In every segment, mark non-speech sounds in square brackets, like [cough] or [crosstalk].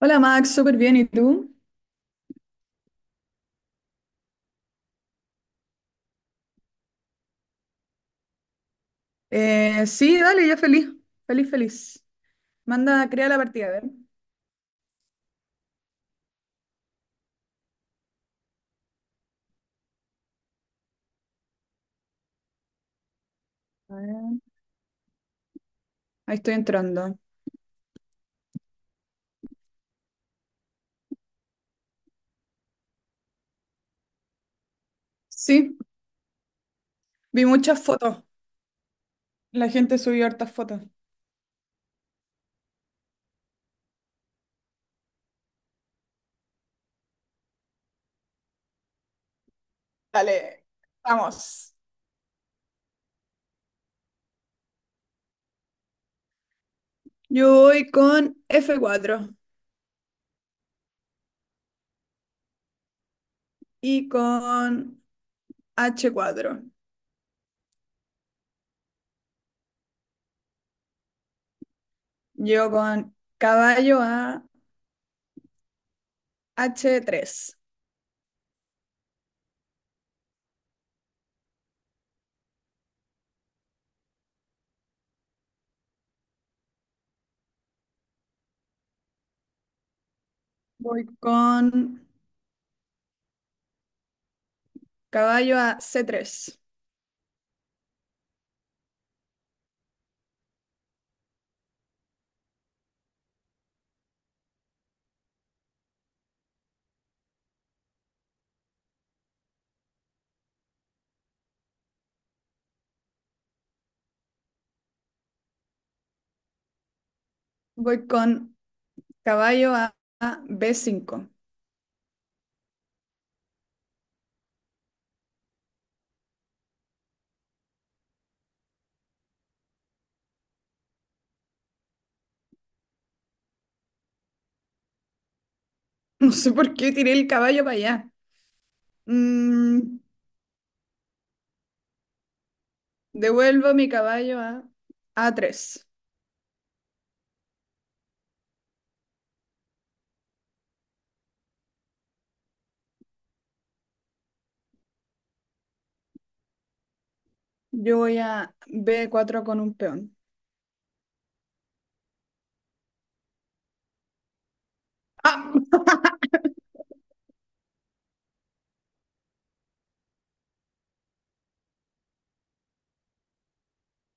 Hola Max, súper bien, ¿y tú? Sí, dale, ya feliz, feliz, feliz. Manda, crea la partida, a ver. A ver. Ahí estoy entrando. Sí, vi muchas fotos. La gente subió hartas fotos. Dale, vamos. Yo voy con F4 y con H4. Yo con caballo a H3. Voy con caballo a C3. Voy con caballo a B5. [laughs] No sé por qué tiré el caballo para allá. Mm, devuelvo mi caballo a A3. Yo voy a B4 con un peón. ¡Ah!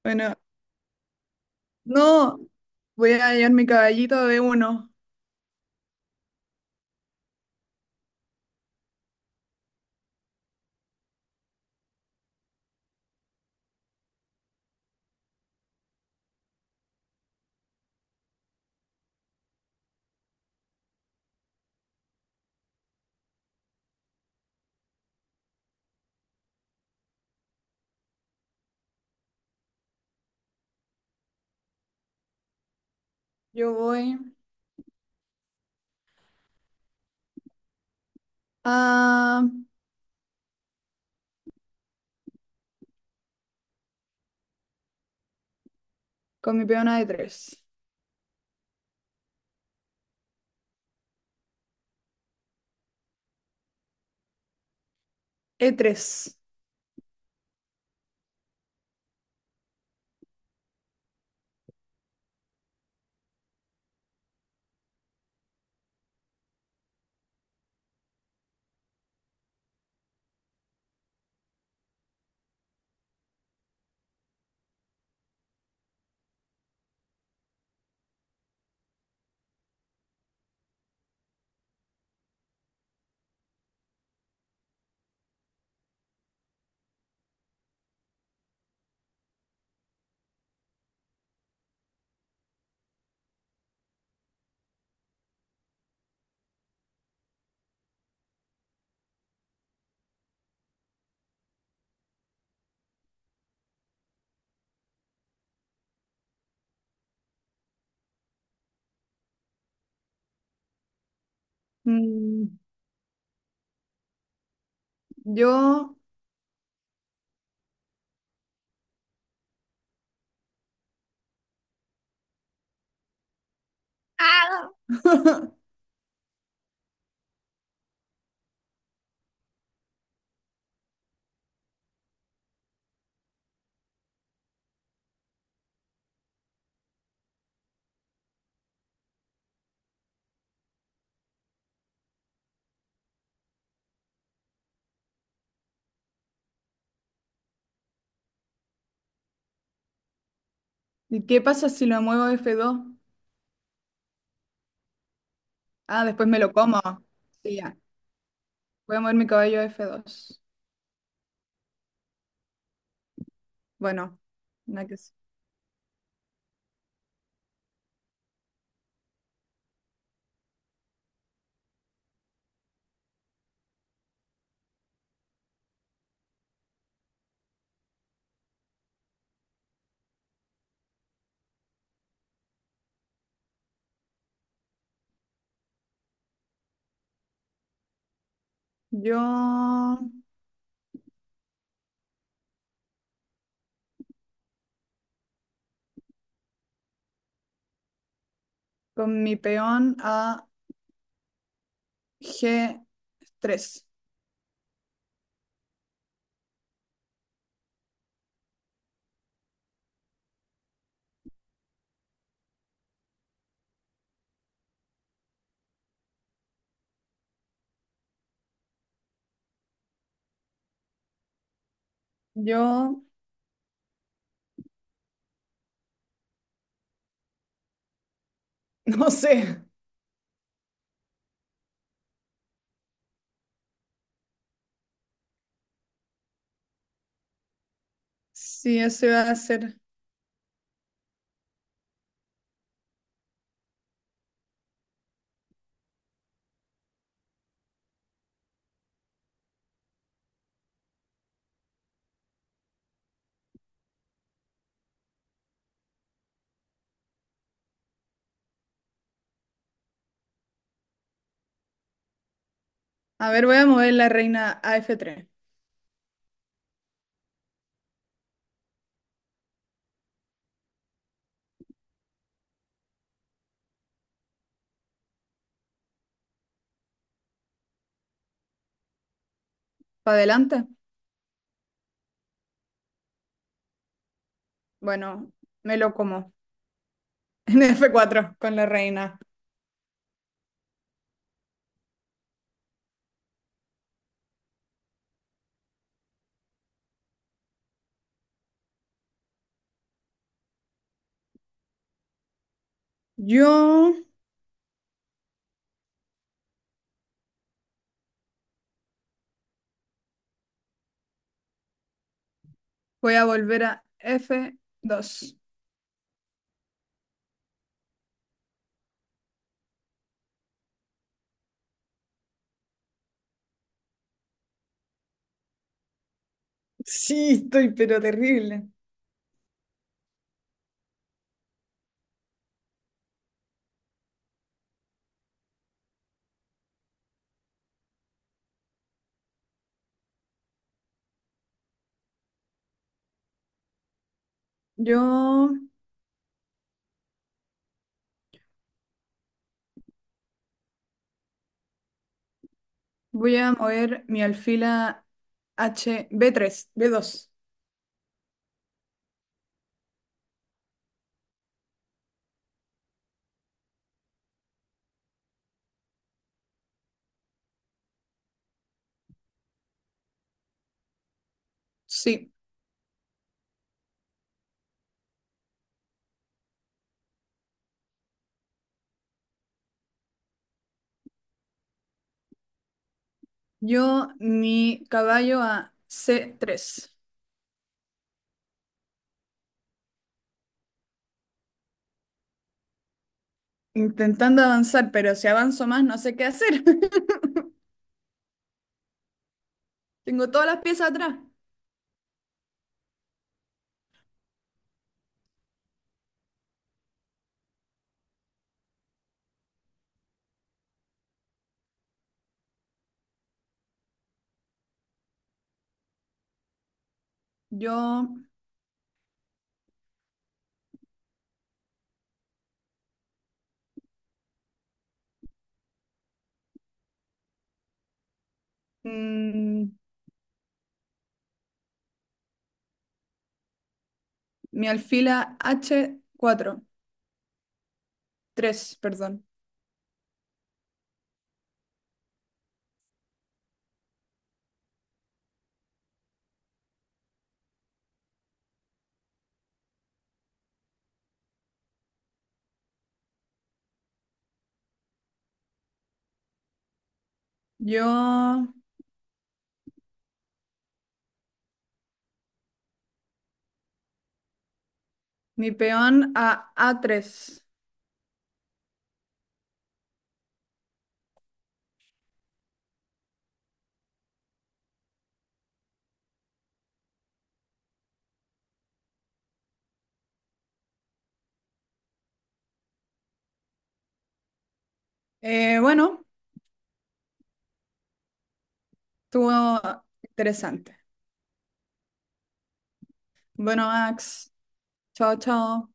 Bueno, no. Voy a llevar mi caballito a B1. Yo voy a... con mi peón a E3. e tres Mm, yo... ¡Ah! [laughs] ¿Y qué pasa si lo muevo a F2? Ah, después me lo como. Sí, ya. Voy a mover mi caballo a F2. Bueno, nada que. Yo con mi peón a G3. Yo [laughs] no sé si eso va a ser. A ver, voy a mover la reina a F3. ¿Para adelante? Bueno, me lo como. [laughs] En F4 con la reina. Yo voy a volver a F2. Sí, estoy pero terrible. Yo voy a mover mi alfil a H b tres B2. Sí. Yo, mi caballo a C3. Intentando avanzar, pero si avanzo más no sé qué hacer. [laughs] Tengo todas las piezas atrás. Yo, mm, mi alfila H4, tres, perdón. Yo, mi peón a A3. Bueno, estuvo interesante. Bueno, Max, chao, chao.